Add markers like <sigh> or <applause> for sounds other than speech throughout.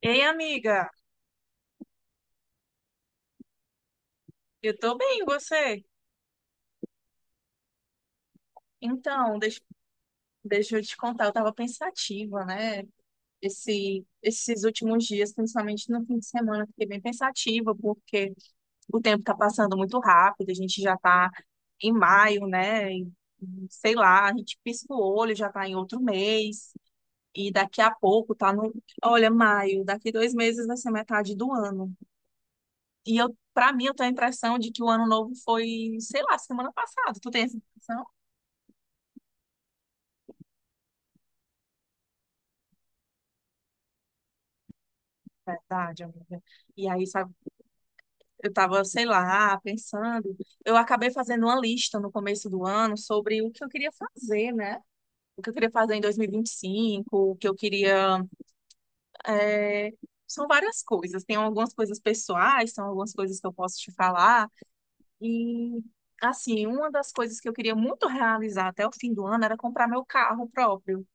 Ei, amiga, eu tô bem, e você? Então, deixa eu te contar, eu tava pensativa, né? Esses últimos dias, principalmente no fim de semana, eu fiquei bem pensativa, porque o tempo tá passando muito rápido, a gente já tá em maio, né? E, sei lá, a gente pisca o olho, já tá em outro mês, e daqui a pouco tá no. Olha, maio, daqui 2 meses vai ser metade do ano. E eu, pra mim, eu tenho a impressão de que o ano novo foi, sei lá, semana passada. Tu tem essa impressão? Verdade, amiga. E aí, sabe, eu tava, sei lá, pensando. Eu acabei fazendo uma lista no começo do ano sobre o que eu queria fazer, né? O que eu queria fazer em 2025, o que eu queria. é, São várias coisas. Tem algumas coisas pessoais, são algumas coisas que eu posso te falar. E, assim, uma das coisas que eu queria muito realizar até o fim do ano era comprar meu carro próprio.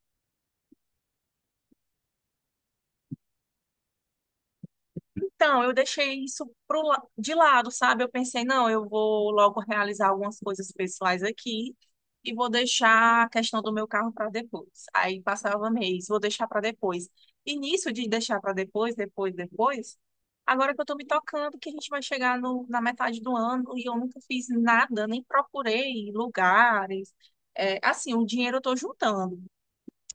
Então, eu deixei isso pro, de lado, sabe? Eu pensei, não, eu vou logo realizar algumas coisas pessoais aqui e vou deixar a questão do meu carro para depois. Aí passava mês, vou deixar para depois. E nisso de deixar para depois, depois, depois, agora que eu tô me tocando, que a gente vai chegar na metade do ano e eu nunca fiz nada, nem procurei lugares. É, assim, o dinheiro eu tô juntando,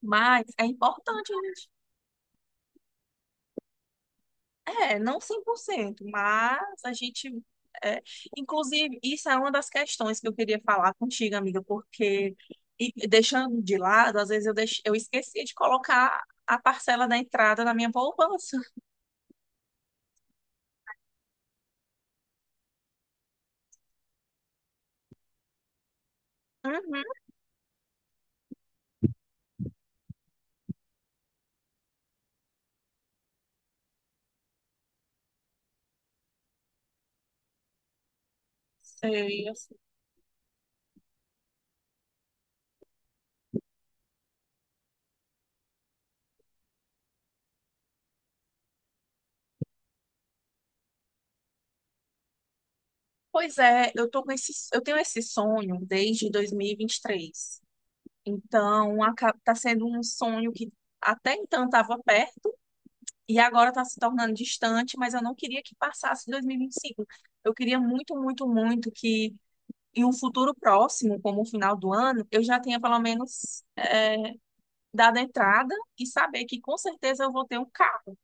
mas é importante, né? É, não 100%, mas a gente. é, Inclusive, isso é uma das questões que eu queria falar contigo, amiga, porque e deixando de lado, às vezes eu esquecia de colocar a parcela da entrada na minha poupança. Uhum, sei, eu sei. Pois é, eu tô com esse, eu tenho esse sonho desde 2023. Então, tá sendo um sonho que até então estava perto. E agora está se tornando distante, mas eu não queria que passasse 2025. Eu queria muito, muito, muito que em um futuro próximo, como o final do ano, eu já tenha pelo menos dado a entrada e saber que com certeza eu vou ter um carro.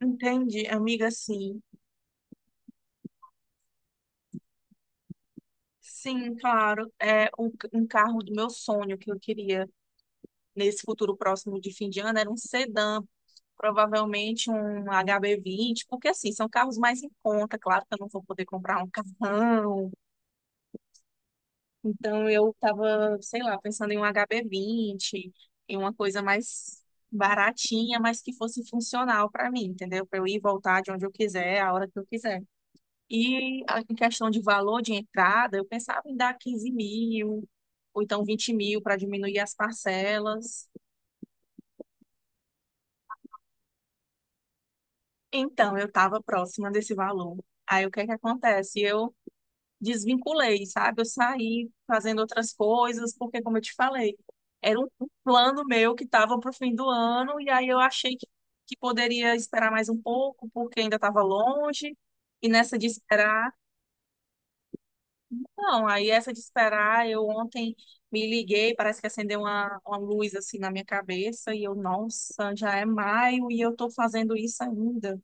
Entende, amiga? Sim, sim, claro. É um carro do meu sonho que eu queria nesse futuro próximo de fim de ano era um sedã. Provavelmente um HB20, porque assim, são carros mais em conta, claro que eu não vou poder comprar um carrão. Então eu tava, sei lá, pensando em um HB20, em uma coisa mais baratinha, mas que fosse funcional para mim, entendeu? Para eu ir e voltar de onde eu quiser, a hora que eu quiser. E em questão de valor de entrada, eu pensava em dar 15 mil, ou então 20 mil para diminuir as parcelas. Então eu estava próxima desse valor. Aí o que é que acontece? Eu desvinculei, sabe? Eu saí fazendo outras coisas, porque, como eu te falei, era um plano meu que estava para o fim do ano, e aí eu achei que poderia esperar mais um pouco, porque ainda estava longe, e nessa de esperar, não, aí essa de esperar, eu ontem me liguei, parece que acendeu uma luz assim na minha cabeça, e eu, nossa, já é maio e eu estou fazendo isso ainda.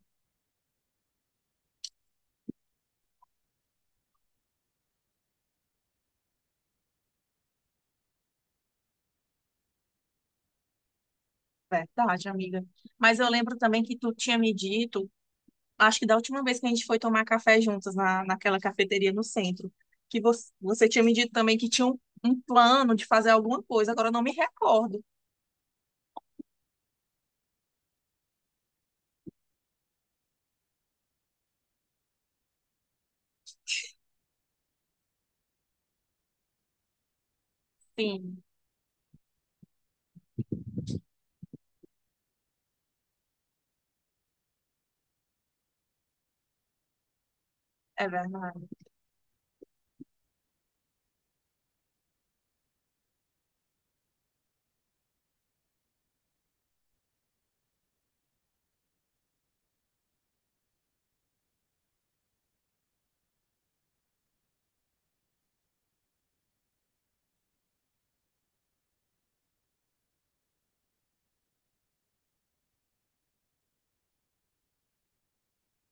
Verdade, amiga. Mas eu lembro também que tu tinha me dito acho que da última vez que a gente foi tomar café juntas naquela cafeteria no centro, que você tinha me dito também que tinha um plano de fazer alguma coisa, agora eu não me recordo. Sim, é verdade.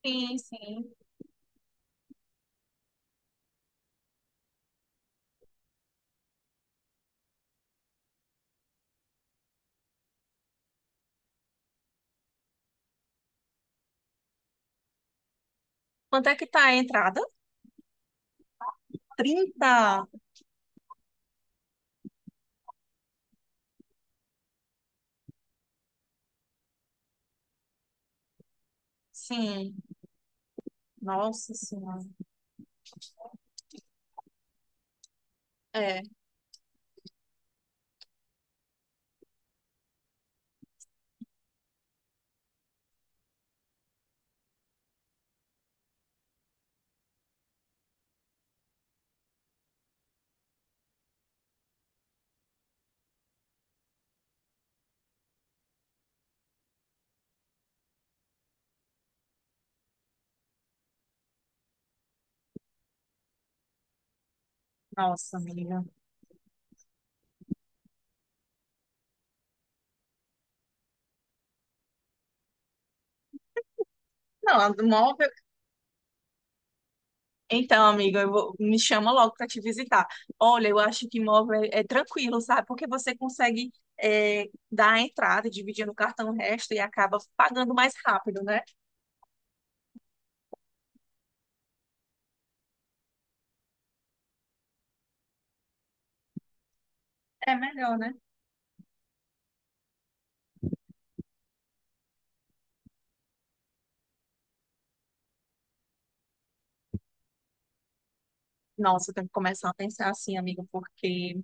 Sim, sim. Quanto é que tá a entrada? Trinta. Sim, Nossa Senhora. É. Nossa, amiga. Não, a móvel. Então, amiga, me chama logo para te visitar. Olha, eu acho que imóvel é tranquilo, sabe? Porque você consegue é, dar a entrada, dividir no cartão o resto e acaba pagando mais rápido, né? É melhor, né? Nossa, eu tenho que começar a pensar assim, amigo, porque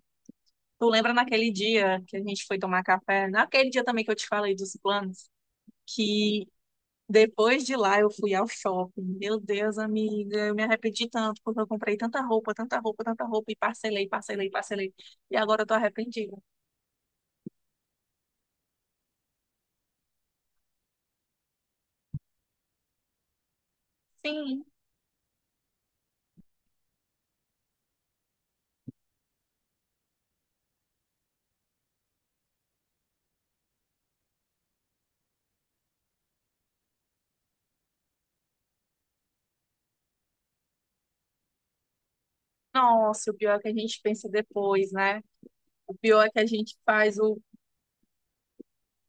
tu lembra naquele dia que a gente foi tomar café, naquele dia também que eu te falei dos planos, que depois de lá, eu fui ao shopping. Meu Deus, amiga, eu me arrependi tanto porque eu comprei tanta roupa, tanta roupa, tanta roupa e parcelei, parcelei, parcelei. E agora eu tô arrependida. Sim. Nossa, o pior é que a gente pensa depois, né? O pior é que a gente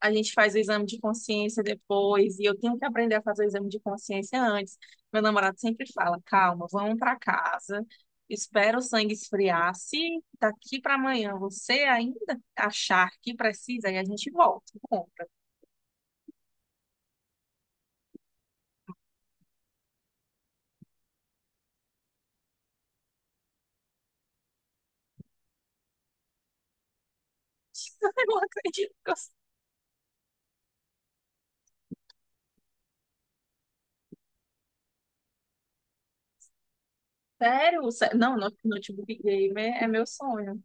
a gente faz o exame de consciência depois. E eu tenho que aprender a fazer o exame de consciência antes. Meu namorado sempre fala: calma, vamos para casa. Espera o sangue esfriar. Se daqui para amanhã você ainda achar que precisa, aí a gente volta. <laughs> Eu não acredito que eu... Sério? Não, notebook gamer é meu sonho.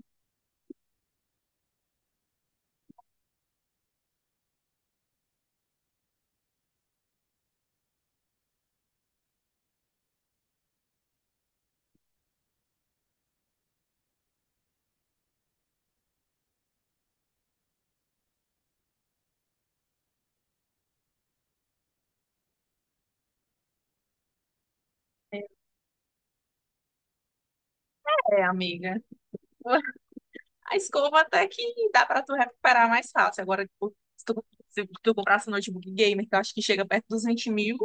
É, amiga. <laughs> A escova até que dá pra tu recuperar mais fácil. Agora, tipo, se tu comprasse um notebook gamer, que eu acho que chega perto dos 20 mil,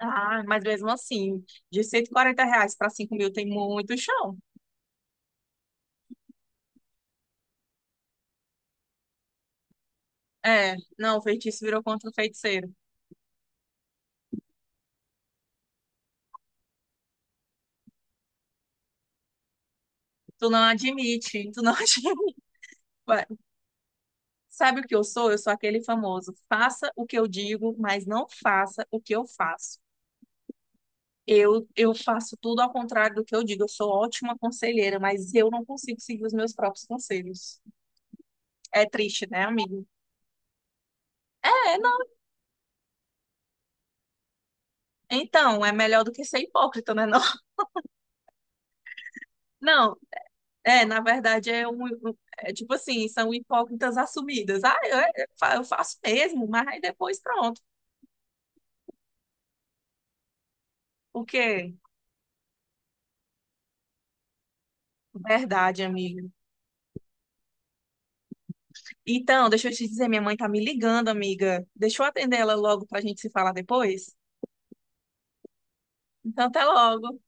ah, mas mesmo assim, de R$ 140 pra 5 mil tem muito chão. É, não, o feitiço virou contra o feiticeiro. Tu não admite, tu não <laughs> admite. Vai. Sabe o que eu sou? Eu sou aquele famoso. Faça o que eu digo, mas não faça o que eu faço. Eu faço tudo ao contrário do que eu digo. Eu sou ótima conselheira, mas eu não consigo seguir os meus próprios conselhos. É triste, né, amigo? É, não. Então, é melhor do que ser hipócrita, né? Não, <laughs> não. É, na verdade, é um, é tipo assim, são hipócritas assumidas. Ah, eu, é, eu fa- eu faço mesmo, mas aí depois pronto. O quê? Verdade, amiga. Então, deixa eu te dizer, minha mãe tá me ligando, amiga. Deixa eu atender ela logo pra gente se falar depois. Então, até logo.